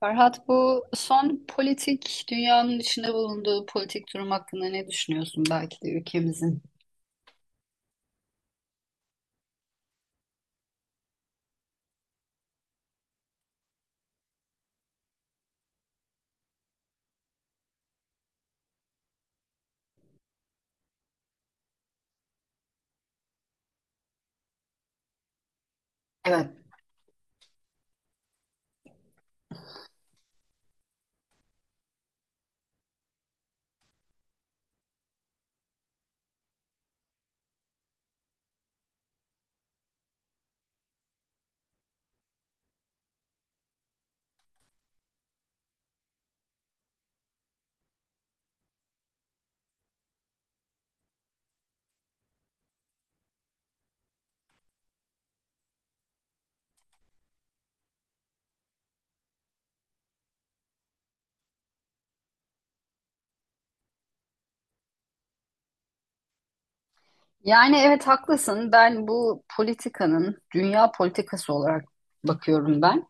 Ferhat, bu son politik dünyanın içinde bulunduğu politik durum hakkında ne düşünüyorsun belki de ülkemizin? Evet. Yani evet, haklısın. Bu politikanın dünya politikası olarak bakıyorum.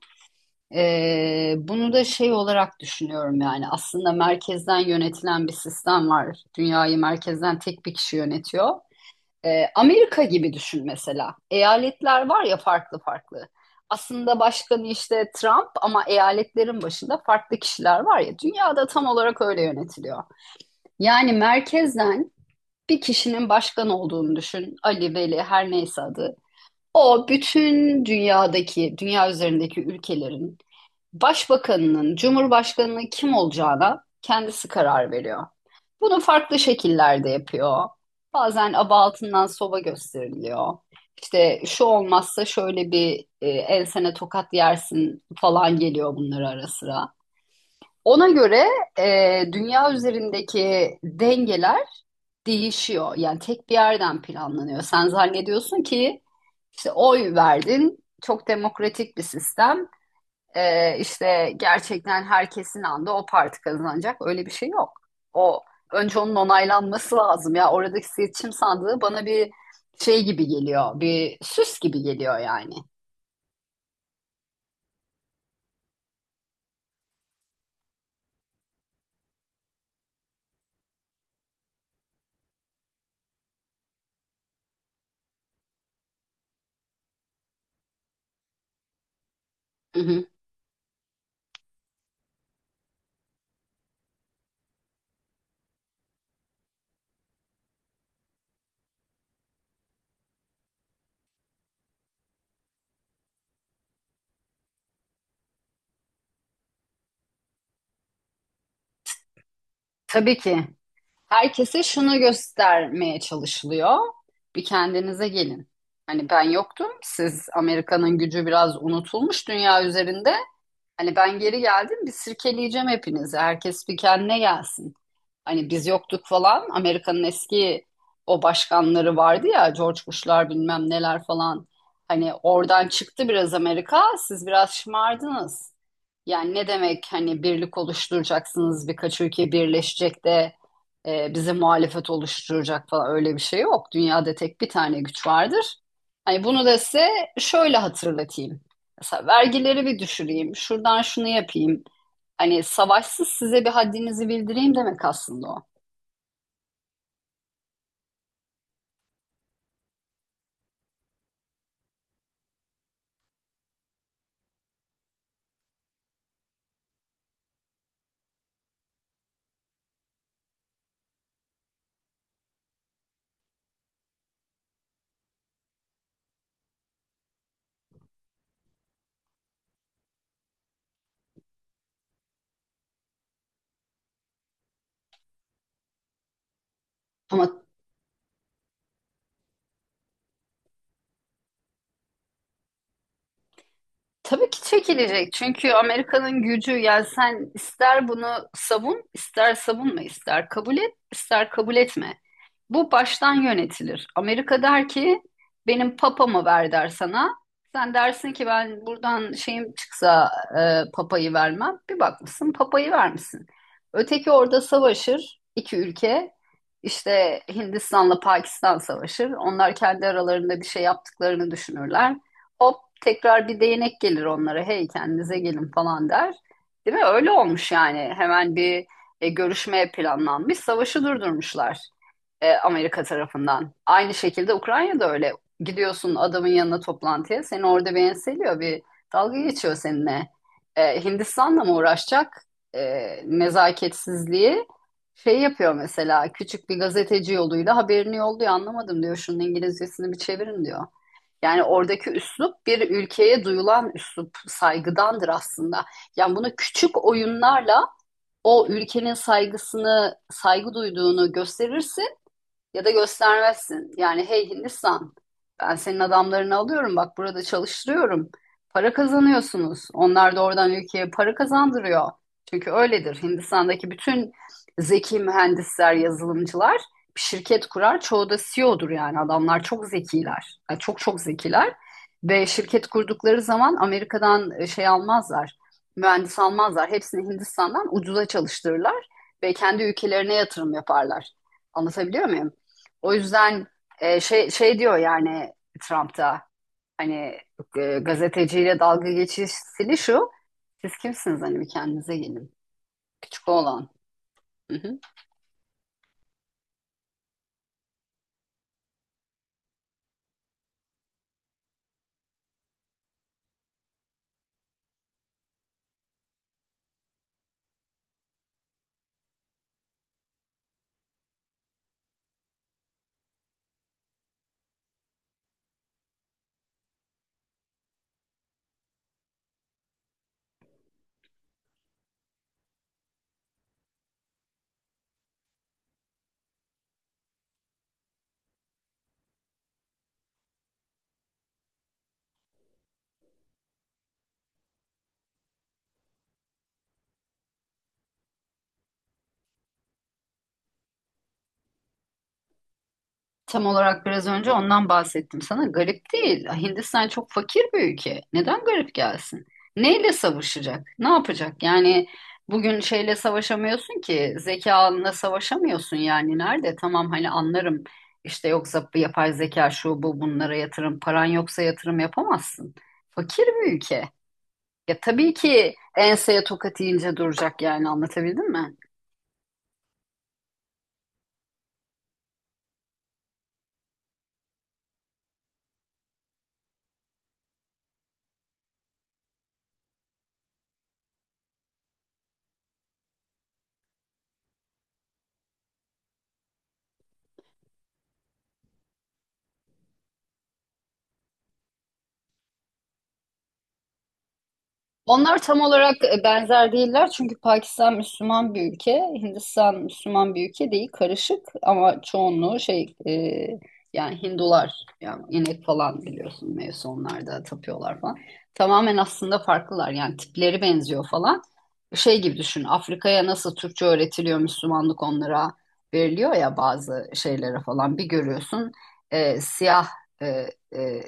Bunu da şey olarak düşünüyorum, yani aslında merkezden yönetilen bir sistem var. Dünyayı merkezden tek bir kişi yönetiyor. Amerika gibi düşün mesela. Eyaletler var ya, farklı farklı. Aslında başkanı işte Trump, ama eyaletlerin başında farklı kişiler var ya. Dünyada tam olarak öyle yönetiliyor. Yani merkezden bir kişinin başkan olduğunu düşün. Ali, Veli her neyse adı. O bütün dünyadaki, dünya üzerindeki ülkelerin başbakanının, cumhurbaşkanının kim olacağına kendisi karar veriyor. Bunu farklı şekillerde yapıyor. Bazen aba altından soba gösteriliyor. İşte şu olmazsa şöyle bir ensene tokat yersin falan, geliyor bunlar ara sıra. Ona göre dünya üzerindeki dengeler değişiyor. Yani tek bir yerden planlanıyor. Sen zannediyorsun ki işte oy verdin, çok demokratik bir sistem. İşte gerçekten herkesin anda o parti kazanacak. Öyle bir şey yok. O önce onun onaylanması lazım ya. Oradaki seçim sandığı bana bir şey gibi geliyor. Bir süs gibi geliyor yani. Hı hı. Tabii ki. Herkese şunu göstermeye çalışılıyor. Bir kendinize gelin. Hani ben yoktum. Siz Amerika'nın gücü biraz unutulmuş dünya üzerinde. Hani ben geri geldim. Bir sirkeleyeceğim hepinizi. Herkes bir kendine gelsin. Hani biz yoktuk falan. Amerika'nın eski o başkanları vardı ya, George Bush'lar bilmem neler falan. Hani oradan çıktı biraz Amerika. Siz biraz şımardınız. Yani ne demek hani birlik oluşturacaksınız, birkaç ülke birleşecek de bize muhalefet oluşturacak falan, öyle bir şey yok. Dünyada tek bir tane güç vardır. Hani bunu da size şöyle hatırlatayım. Mesela vergileri bir düşüreyim, şuradan şunu yapayım. Hani savaşsız size bir haddinizi bildireyim demek aslında o. Ama tabii ki çekilecek. Çünkü Amerika'nın gücü, yani sen ister bunu savun, ister savunma, ister kabul et, ister kabul etme. Bu baştan yönetilir. Amerika der ki benim papamı ver der sana. Sen dersin ki ben buradan şeyim çıksa papayı vermem. Bir bakmışsın papayı vermişsin. Öteki orada savaşır iki ülke. İşte Hindistan'la Pakistan savaşır. Onlar kendi aralarında bir şey yaptıklarını düşünürler. Hop, tekrar bir değnek gelir onlara. Hey kendinize gelin falan der. Değil mi? Öyle olmuş yani. Hemen bir görüşme planlanmış. Savaşı durdurmuşlar Amerika tarafından. Aynı şekilde Ukrayna'da öyle. Gidiyorsun adamın yanına toplantıya. Seni orada bir enseliyor. Bir dalga geçiyor seninle. E, Hindistan'la mı uğraşacak? E, Nezaketsizliği şey yapıyor mesela. Küçük bir gazeteci yoluyla haberini yolluyor. Anlamadım diyor. Şunun İngilizcesini bir çevirin diyor. Yani oradaki üslup bir ülkeye duyulan üslup saygıdandır aslında. Yani bunu küçük oyunlarla o ülkenin saygısını, saygı duyduğunu gösterirse ya da göstermezsin. Yani hey Hindistan, ben senin adamlarını alıyorum, bak burada çalıştırıyorum. Para kazanıyorsunuz. Onlar da oradan ülkeye para kazandırıyor. Çünkü öyledir. Hindistan'daki bütün zeki mühendisler, yazılımcılar bir şirket kurar. Çoğu da CEO'dur, yani adamlar çok zekiler. Yani çok çok zekiler. Ve şirket kurdukları zaman Amerika'dan şey almazlar. Mühendis almazlar. Hepsini Hindistan'dan ucuza çalıştırırlar ve kendi ülkelerine yatırım yaparlar. Anlatabiliyor muyum? O yüzden şey diyor yani Trump'ta hani gazeteciyle dalga geçişini şu. Siz kimsiniz, hani bir kendinize gelin. Küçük oğlan. Hı hı. Tam olarak biraz önce ondan bahsettim sana. Garip değil. Hindistan çok fakir bir ülke. Neden garip gelsin? Neyle savaşacak? Ne yapacak? Yani bugün şeyle savaşamıyorsun ki, zekanla savaşamıyorsun yani. Nerede? Tamam, hani anlarım. İşte yoksa bu yapay zeka şu bu bunlara yatırım. Paran yoksa yatırım yapamazsın. Fakir bir ülke. Ya tabii ki enseye tokat yiyince duracak yani, anlatabildim mi? Onlar tam olarak benzer değiller çünkü Pakistan Müslüman bir ülke, Hindistan Müslüman bir ülke değil, karışık ama çoğunluğu şey yani Hindular, yani inek falan biliyorsun mevzu, onlarda tapıyorlar falan. Tamamen aslında farklılar, yani tipleri benziyor falan. Şey gibi düşün, Afrika'ya nasıl Türkçe öğretiliyor, Müslümanlık onlara veriliyor ya, bazı şeylere falan bir görüyorsun siyah e, e,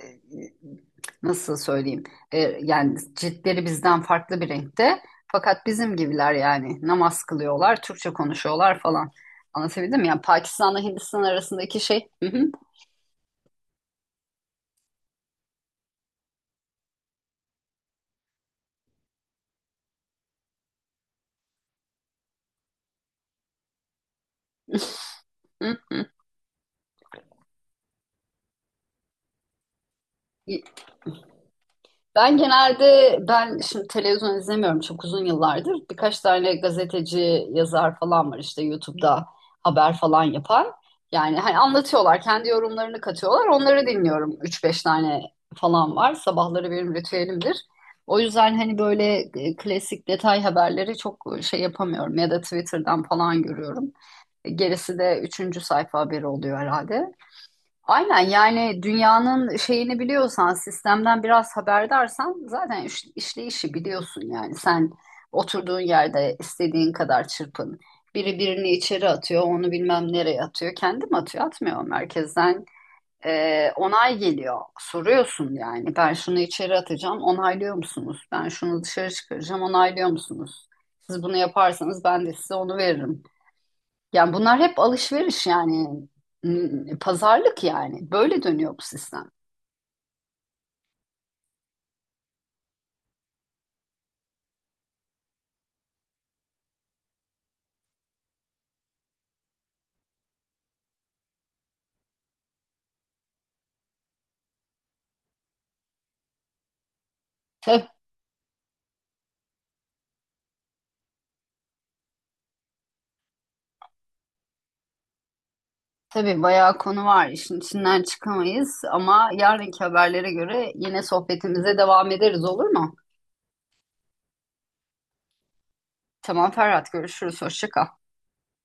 nasıl söyleyeyim? Yani ciltleri bizden farklı bir renkte. Fakat bizim gibiler, yani namaz kılıyorlar, Türkçe konuşuyorlar falan. Anlatabildim mi? Yani Pakistan'la Hindistan arasındaki şey. Hı hı, hı. Ben genelde şimdi televizyon izlemiyorum çok uzun yıllardır. Birkaç tane gazeteci, yazar falan var işte YouTube'da haber falan yapan. Yani hani anlatıyorlar, kendi yorumlarını katıyorlar. Onları dinliyorum. Üç beş tane falan var. Sabahları benim ritüelimdir. O yüzden hani böyle klasik detay haberleri çok şey yapamıyorum, ya da Twitter'dan falan görüyorum. Gerisi de üçüncü sayfa haberi oluyor herhalde. Aynen, yani dünyanın şeyini biliyorsan, sistemden biraz haberdarsan zaten işleyişi biliyorsun yani. Sen oturduğun yerde istediğin kadar çırpın. Biri birini içeri atıyor, onu bilmem nereye atıyor. Kendi mi atıyor? Atmıyor. Merkezden onay geliyor. Soruyorsun yani. Ben şunu içeri atacağım, onaylıyor musunuz? Ben şunu dışarı çıkaracağım, onaylıyor musunuz? Siz bunu yaparsanız ben de size onu veririm. Yani bunlar hep alışveriş yani. Pazarlık yani, böyle dönüyor bu sistem. Tabii, tabii bayağı konu var, işin içinden çıkamayız ama yarınki haberlere göre yine sohbetimize devam ederiz, olur mu? Tamam Ferhat, görüşürüz, hoşça kal.